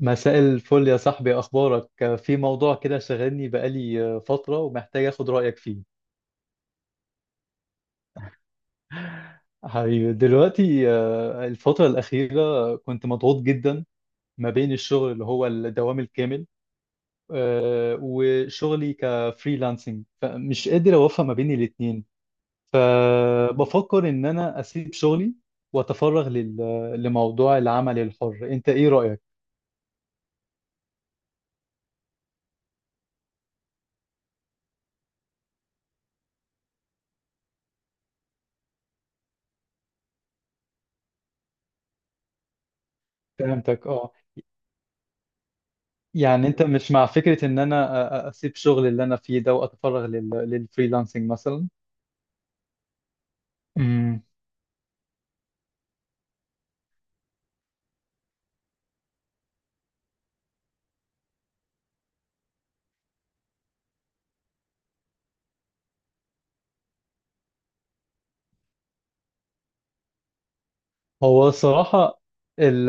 مساء الفل يا صاحبي، أخبارك؟ في موضوع كده شاغلني بقالي فترة ومحتاج أخد رأيك فيه. حبيبي دلوقتي، الفترة الأخيرة كنت مضغوط جدا ما بين الشغل اللي هو الدوام الكامل، وشغلي كفريلانسنج فمش قادر أوفق ما بين الاتنين. فبفكر إن أنا أسيب شغلي وأتفرغ لموضوع العمل الحر، أنت إيه رأيك؟ فهمتك أه. يعني انت مش مع فكرة ان انا اسيب شغل اللي انا فيه ده واتفرغ للفريلانسنج مثلا؟ امم هو صراحة، ال...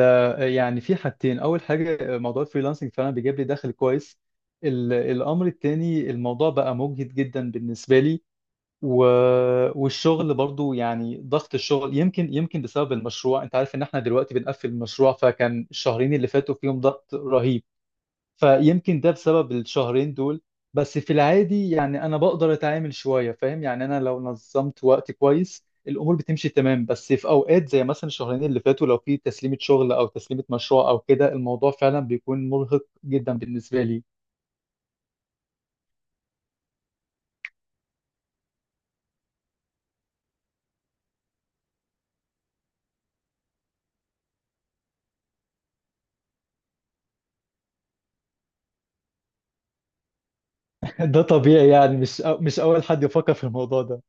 يعني في حاجتين، أول حاجة موضوع الفريلانسنج فعلا بيجيب لي دخل كويس. الأمر التاني الموضوع بقى مجهد جدا بالنسبة لي. و... والشغل برضو، يعني ضغط الشغل يمكن بسبب المشروع، أنت عارف إن احنا دلوقتي بنقفل المشروع، فكان الشهرين اللي فاتوا فيهم ضغط رهيب. فيمكن ده بسبب الشهرين دول. بس في العادي يعني انا بقدر اتعامل شوية، فاهم؟ يعني انا لو نظمت وقتي كويس الامور بتمشي تمام، بس في اوقات زي مثلا الشهرين اللي فاتوا لو في تسليمة شغل او تسليمة مشروع او كده الموضوع فعلا بيكون مرهق جدا بالنسبة لي. ده طبيعي، يعني مش اول حد يفكر في الموضوع ده.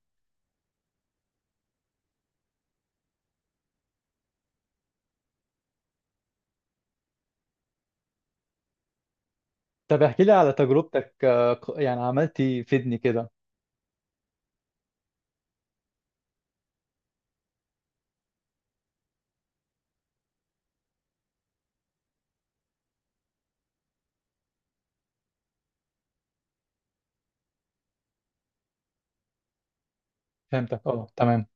طب احكي لي على تجربتك، يعني عملتي فيدني كده. فهمتك، اه تمام.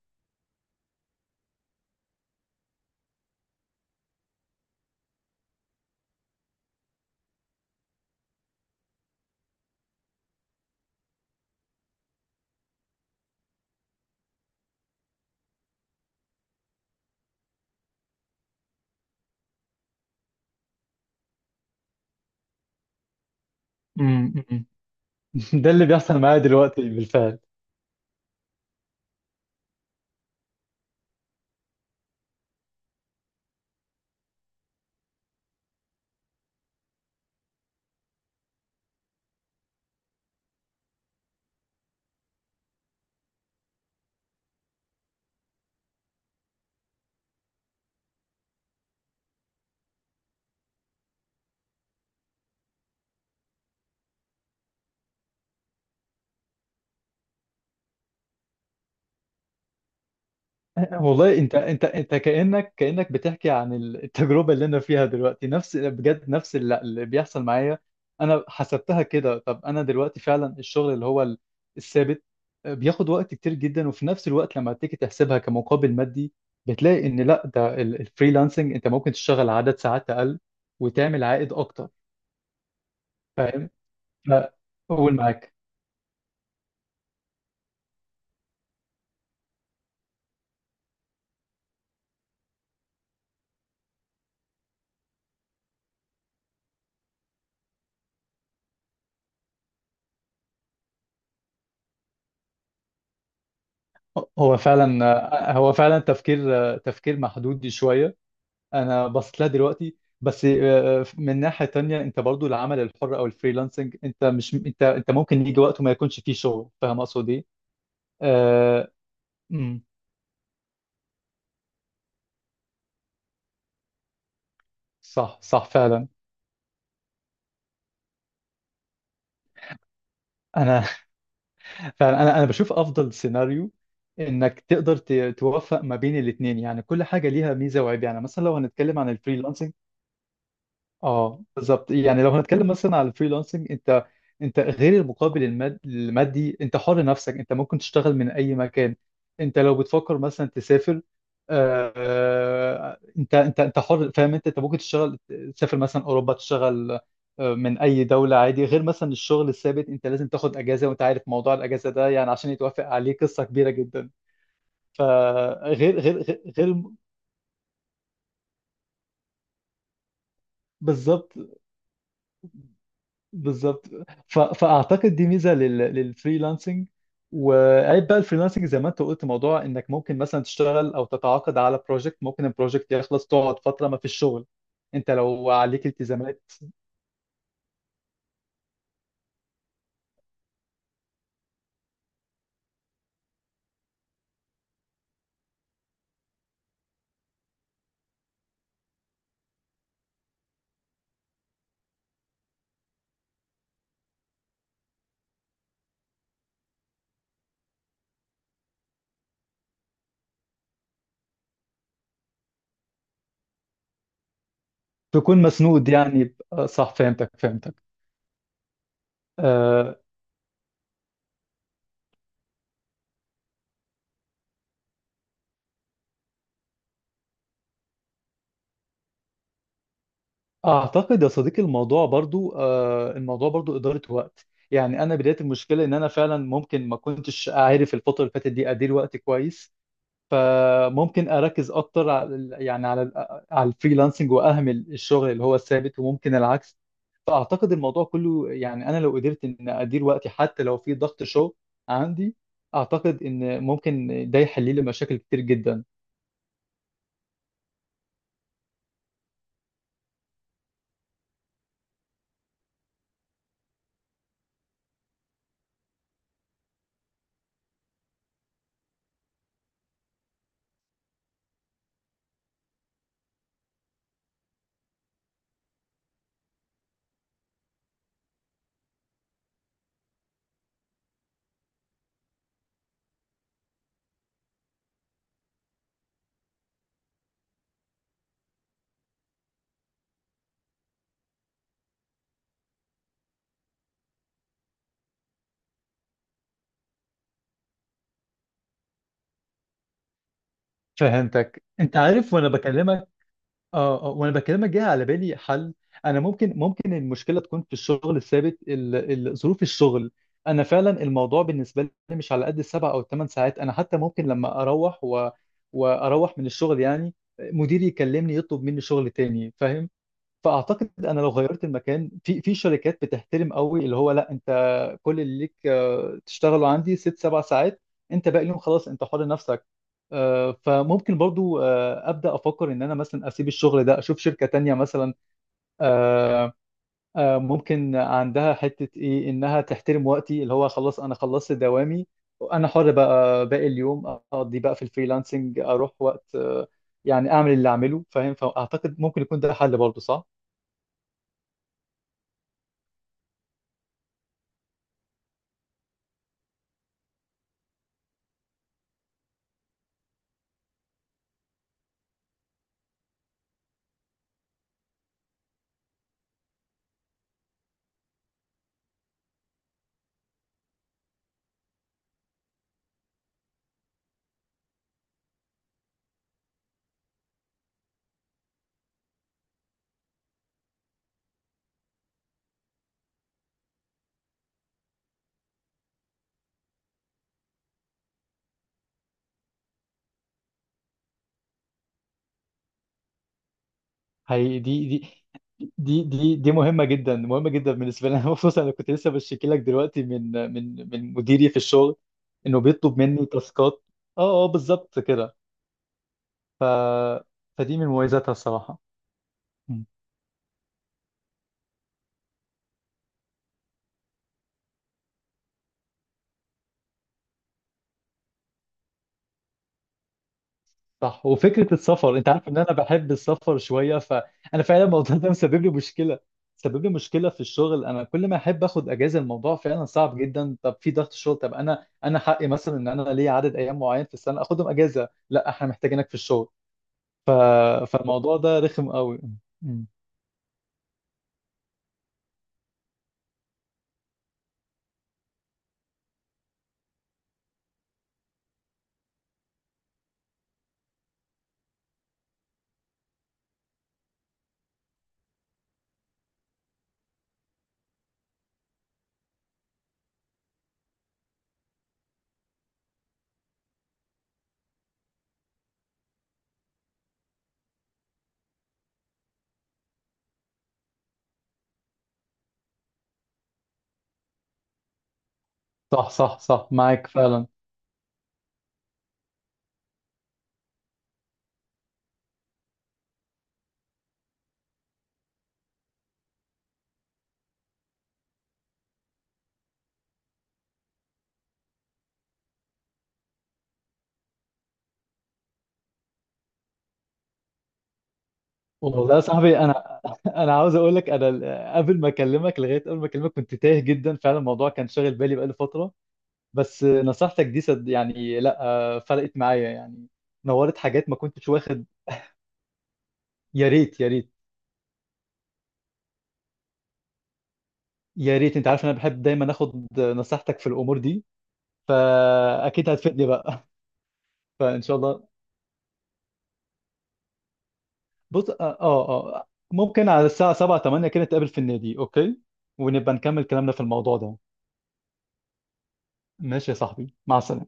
أمم، أمم. ده اللي بيحصل معايا دلوقتي بالفعل. والله، انت كأنك بتحكي عن التجربة اللي انا فيها دلوقتي، نفس بجد نفس اللي بيحصل معايا. انا حسبتها كده، طب انا دلوقتي فعلا الشغل اللي هو الثابت بياخد وقت كتير جدا، وفي نفس الوقت لما تيجي تحسبها كمقابل مادي بتلاقي ان لا، ده الفريلانسنج انت ممكن تشتغل عدد ساعات اقل وتعمل عائد اكتر، فاهم؟ فقول معاك. هو فعلا، هو فعلا تفكير، تفكير محدود شوية. انا بصيت لها دلوقتي، بس من ناحية تانية انت برضو العمل الحر او الفريلانسنج، انت مش، انت ممكن يجي وقت وما يكونش فيه شغل، فاهم اقصد ايه؟ آه، أمم، صح صح فعلا. انا فعلا انا بشوف افضل سيناريو انك تقدر توفق ما بين الاثنين. يعني كل حاجة ليها ميزة وعيب. يعني مثلا لو هنتكلم عن الفريلانسنج، اه بالظبط. يعني لو هنتكلم مثلا على الفريلانسنج، انت غير المقابل المادي، انت حر نفسك، انت ممكن تشتغل من اي مكان. انت لو بتفكر مثلا تسافر، انت حر، فاهم؟ انت ممكن تشتغل، تسافر مثلا اوروبا تشتغل، من اي دوله عادي. غير مثلا الشغل الثابت انت لازم تاخد اجازه، وانت عارف موضوع الاجازه ده يعني عشان يتوافق عليه قصه كبيره جدا. فغير غير غير غير بالظبط بالظبط. فاعتقد دي ميزه للفريلانسنج. وعيب بقى الفريلانسنج زي ما انت قلت، موضوع انك ممكن مثلا تشتغل او تتعاقد على بروجكت، ممكن البروجكت يخلص تقعد فتره ما فيش شغل، انت لو عليك التزامات تكون مسنود، يعني صح. فهمتك فهمتك. آه، اعتقد يا صديقي الموضوع برضو، الموضوع برضو اداره وقت. يعني انا بدايه المشكله ان انا فعلا ممكن ما كنتش عارف الفتره اللي فاتت دي ادير وقتي كويس. فممكن اركز اكتر على يعني على الفريلانسنج واهمل الشغل اللي هو الثابت، وممكن العكس. فاعتقد الموضوع كله، يعني انا لو قدرت ان ادير وقتي حتى لو في ضغط شغل عندي، اعتقد ان ممكن ده يحل لي مشاكل كتير جدا. فهمتك. انت عارف وانا بكلمك، اه اه، وانا بكلمك جه على بالي حل. انا ممكن المشكله تكون في الشغل الثابت، ظروف الشغل. انا فعلا الموضوع بالنسبه لي مش على قد السبع او الثمان ساعات. انا حتى ممكن لما واروح من الشغل، يعني مديري يكلمني يطلب مني شغل تاني، فاهم؟ فاعتقد انا لو غيرت المكان، في في شركات بتحترم قوي، اللي هو لا، انت كل اللي ليك تشتغلوا عندي ست سبع ساعات، انت باقي اليوم خلاص انت حر نفسك. فممكن برضو ابدا افكر ان انا مثلا اسيب الشغل ده اشوف شركه تانية مثلا، آه، ممكن عندها حته، ايه انها تحترم وقتي اللي هو خلاص انا خلصت دوامي. انا حر بقى باقي اليوم، اقضي بقى في الفريلانسنج، اروح وقت، يعني اعمل اللي اعمله، فاهم؟ فاعتقد ممكن يكون ده حل برضو، صح؟ هي دي مهمة جدا مهمة جدا بالنسبة لي. أنا خصوصا أنا كنت لسه بشتكي لك دلوقتي من مديري في الشغل إنه بيطلب مني تاسكات. أه أه بالظبط كده. ف فدي من مميزاتها الصراحة. مم. صح، وفكرة السفر أنت عارف إن أنا بحب السفر شوية، فأنا فعلا الموضوع ده مسبب لي مشكلة. مسبب لي مشكلة في الشغل، أنا كل ما أحب آخد أجازة الموضوع فعلا صعب جدا. طب في ضغط شغل، طب أنا، أنا حقي مثلا إن أنا ليا عدد أيام معين في السنة آخدهم أجازة. لا، إحنا محتاجينك في الشغل. ف... فالموضوع ده رخم قوي. مم. صح صح صح معاك فعلا. والله يا صاحبي، انا انا عاوز اقول لك، انا قبل ما اكلمك كنت تايه جدا، فعلا الموضوع كان شاغل بالي بقالي فتره. بس نصيحتك دي صد يعني، لا، فرقت معايا يعني. نورت حاجات ما كنتش واخد. يا ريت يا ريت يا ريت، انت عارف انا بحب دايما اخد نصيحتك في الامور دي، فاكيد هتفيدني بقى. فان شاء الله. بص، اه اه. آه. ممكن على الساعة 7 8 كده نتقابل في النادي، اوكي؟ ونبقى نكمل كلامنا في الموضوع ده. ماشي يا صاحبي، مع السلامة.